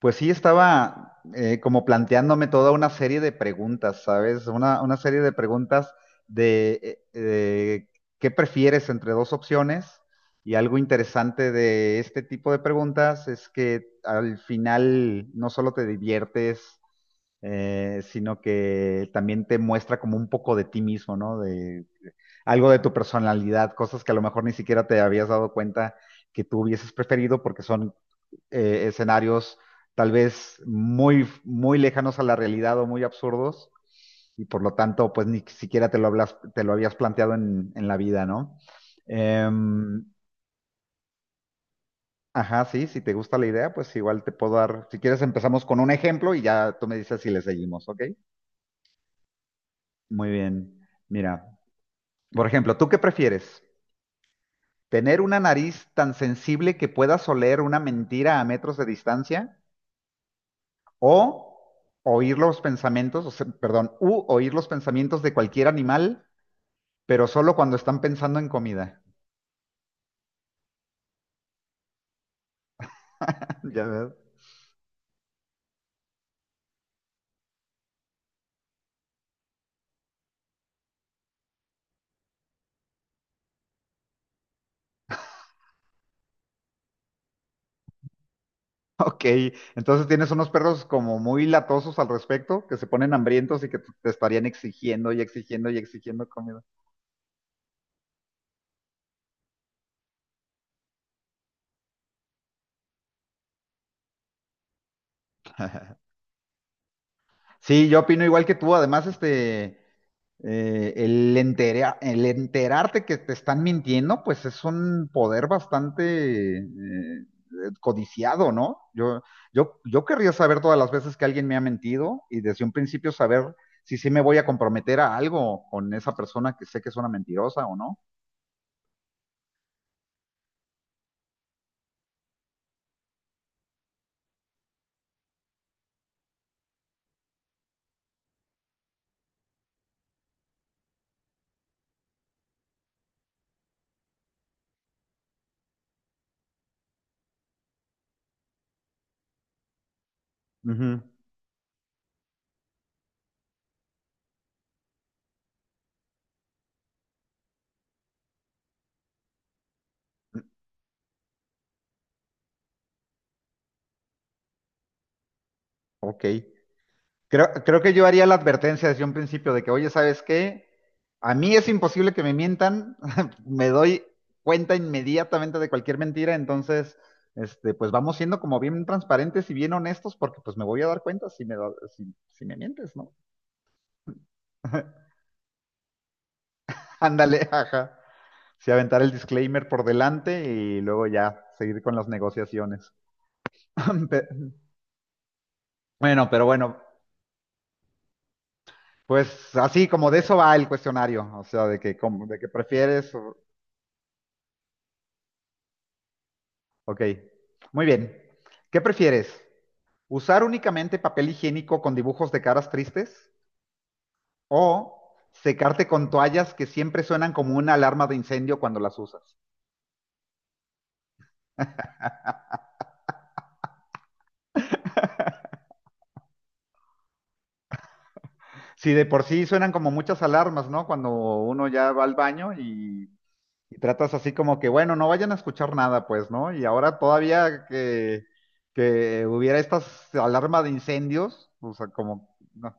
Pues sí, estaba como planteándome toda una serie de preguntas, ¿sabes? Una serie de preguntas de qué prefieres entre dos opciones. Y algo interesante de este tipo de preguntas es que al final no solo te diviertes, sino que también te muestra como un poco de ti mismo, ¿no? De algo de tu personalidad, cosas que a lo mejor ni siquiera te habías dado cuenta que tú hubieses preferido porque son escenarios tal vez muy, muy lejanos a la realidad o muy absurdos, y por lo tanto, pues ni siquiera te lo, hablas, te lo habías planteado en la vida, ¿no? Em, ajá, sí, si te gusta la idea, pues igual te puedo dar, si quieres empezamos con un ejemplo y ya tú me dices si le seguimos, ¿ok? Muy bien. Mira, por ejemplo, ¿tú qué prefieres? ¿Tener una nariz tan sensible que puedas oler una mentira a metros de distancia? ¿O oír los pensamientos, o sea, perdón, u oír los pensamientos de cualquier animal, pero solo cuando están pensando en comida? Ya ves. Ok, entonces tienes unos perros como muy latosos al respecto, que se ponen hambrientos y que te estarían exigiendo y exigiendo y exigiendo comida. Sí, yo opino igual que tú. Además, este, el el enterarte que te están mintiendo, pues es un poder bastante codiciado, ¿no? Yo querría saber todas las veces que alguien me ha mentido y desde un principio saber si sí me voy a comprometer a algo con esa persona que sé que es una mentirosa o no. Ujú. Ok. Creo que yo haría la advertencia desde un principio de que, oye, ¿sabes qué? A mí es imposible que me mientan, me doy cuenta inmediatamente de cualquier mentira, entonces, este, pues vamos siendo como bien transparentes y bien honestos porque pues me voy a dar cuenta si si, si me mientes, ¿no? Ándale, ajá. Si aventar el disclaimer por delante y luego ya seguir con las negociaciones. Pe- Bueno, pero bueno, pues así como de eso va el cuestionario, o sea, de que, como, de que prefieres. Ok, muy bien. ¿Qué prefieres? ¿Usar únicamente papel higiénico con dibujos de caras tristes o secarte con toallas que siempre suenan como una alarma de incendio cuando las usas? Si de por sí suenan como muchas alarmas, ¿no? Cuando uno ya va al baño y tratas así como que, bueno, no vayan a escuchar nada, pues, ¿no? Y ahora todavía que hubiera estas alarmas de incendios, o sea, como, no,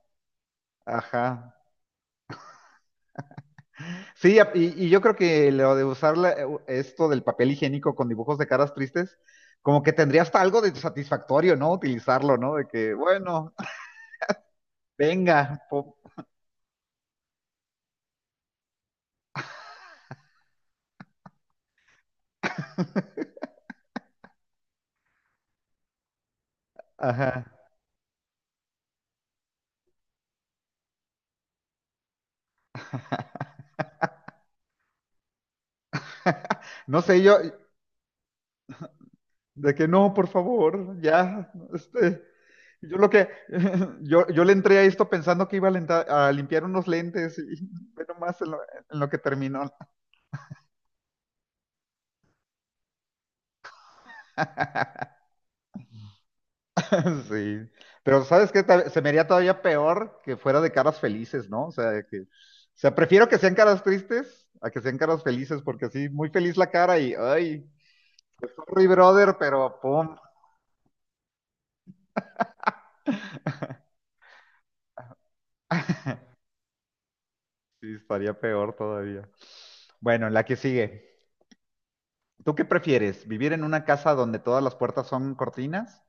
ajá. Sí, y yo creo que lo de esto del papel higiénico con dibujos de caras tristes, como que tendría hasta algo de satisfactorio, ¿no? Utilizarlo, ¿no? De que, bueno, venga, ajá. No sé, yo, de que no, por favor, ya, este, yo lo que, yo le entré a esto pensando que iba a, a limpiar unos lentes y ve nomás en lo que terminó. Sí, pero ¿sabes qué? Se me haría todavía peor que fuera de caras felices, ¿no? O sea, que, o sea, prefiero que sean caras tristes a que sean caras felices, porque así, muy feliz la cara y, ay, pues, sorry, brother, pero pum, sí, estaría peor todavía. Bueno, la que sigue. ¿Tú qué prefieres? ¿Vivir en una casa donde todas las puertas son cortinas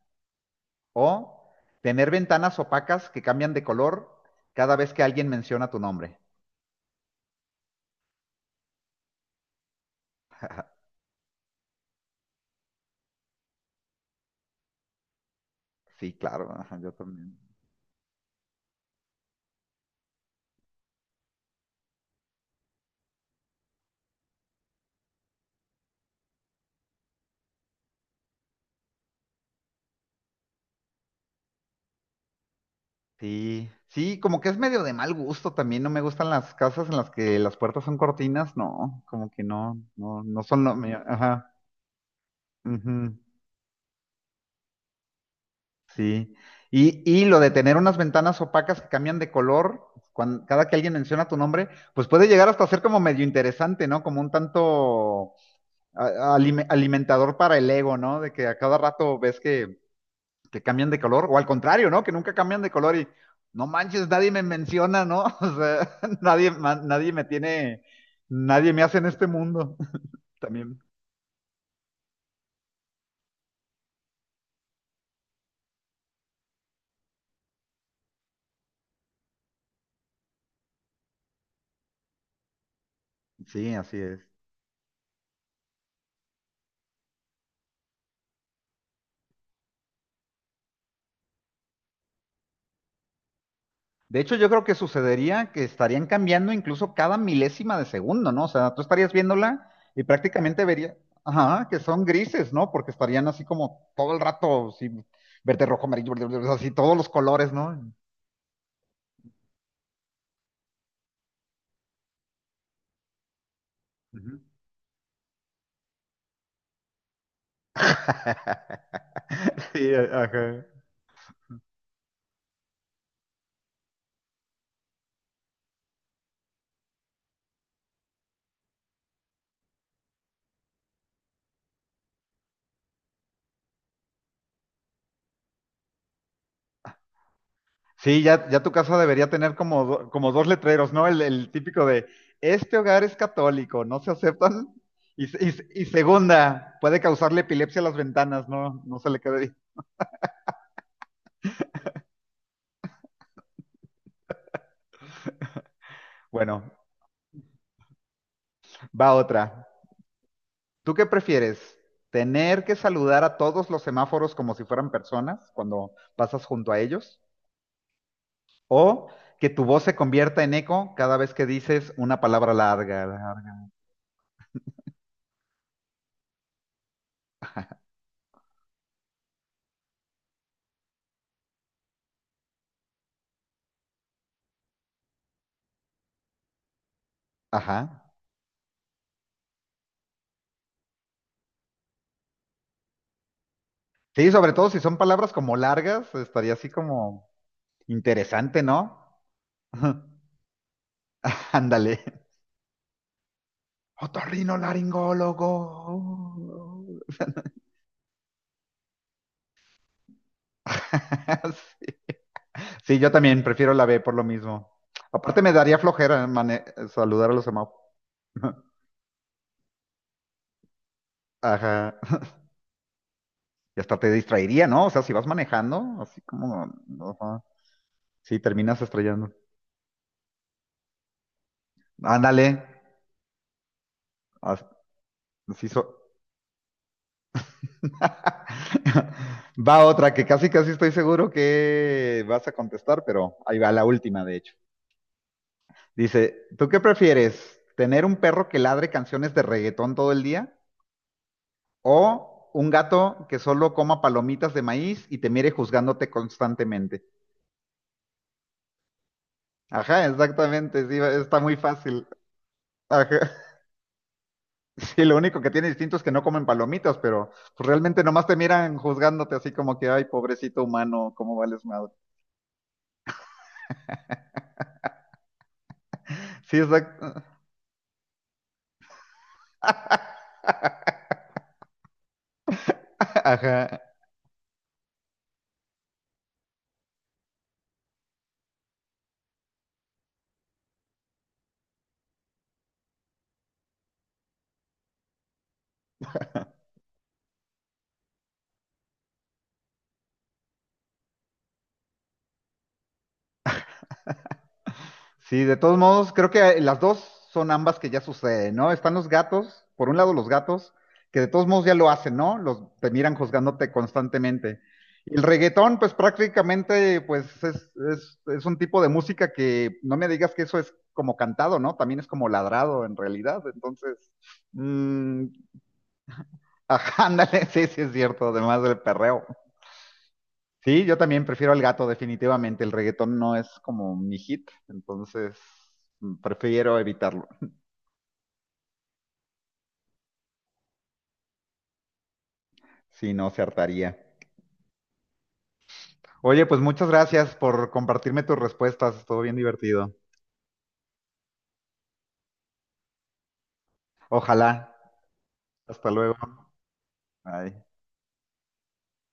o tener ventanas opacas que cambian de color cada vez que alguien menciona tu nombre? Sí, claro, ajá, yo también. Sí, sí, como que es medio de mal gusto también. No me gustan las casas en las que las puertas son cortinas, no, como que no, no, no son lo mío. Ajá, ujú, sí. Y lo de tener unas ventanas opacas que cambian de color, cuando, cada que alguien menciona tu nombre, pues puede llegar hasta ser como medio interesante, ¿no? Como un tanto alimentador para el ego, ¿no? De que a cada rato ves que cambian de color, o al contrario, ¿no? Que nunca cambian de color y no manches, nadie me menciona, ¿no? O sea, nadie, nadie me tiene, nadie me hace en este mundo también. Sí, así es. De hecho, yo creo que sucedería que estarían cambiando incluso cada milésima de segundo, ¿no? O sea, tú estarías viéndola y prácticamente verías, ajá, que son grises, ¿no? Porque estarían así como todo el rato, sí, verde, rojo, amarillo, verde, verde, así todos los colores, ¿no? Uh. Sí, ajá. Sí, ya, ya tu casa debería tener como, como dos letreros, ¿no? El típico de, este hogar es católico, no se aceptan. Y, y segunda, puede causarle epilepsia a las ventanas, ¿no? No se le quede. Bueno, va otra. ¿Tú qué prefieres? ¿Tener que saludar a todos los semáforos como si fueran personas cuando pasas junto a ellos? ¿O que tu voz se convierta en eco cada vez que dices una palabra larga? Ajá. Sí, sobre todo si son palabras como largas, estaría así como... Interesante, ¿no? Ándale. Otorrinolaringólogo. Sí, yo también prefiero la B por lo mismo. Aparte me daría flojera saludar a los semáforos. Ajá. Y hasta te distraería, ¿no? O sea, si vas manejando, así como... no, ajá. Sí, terminas estrellando. Ándale. As- Así so- Va otra que casi casi estoy seguro que vas a contestar, pero ahí va la última, de hecho. Dice, ¿tú qué prefieres? ¿Tener un perro que ladre canciones de reggaetón todo el día? ¿O un gato que solo coma palomitas de maíz y te mire juzgándote constantemente? Ajá, exactamente, sí, está muy fácil. Ajá. Sí, lo único que tiene distinto es que no comen palomitas, pero pues, realmente nomás te miran juzgándote así como que, ay, pobrecito humano, ¿cómo vales madre? Sí, exacto. Ajá. Sí, de todos modos, creo que las dos son ambas que ya suceden, ¿no? Están los gatos, por un lado los gatos, que de todos modos ya lo hacen, ¿no? Los, te miran juzgándote constantemente. Y el reggaetón, pues prácticamente, pues es un tipo de música que no me digas que eso es como cantado, ¿no? También es como ladrado en realidad. Entonces, mm, ajá, ándale, sí, sí es cierto, además del perreo. Sí, yo también prefiero al gato, definitivamente. El reggaetón no es como mi hit, entonces mm, prefiero evitarlo. Si no, se hartaría. Oye, pues muchas gracias por compartirme tus respuestas. Estuvo bien divertido. Ojalá. Hasta luego. Bye.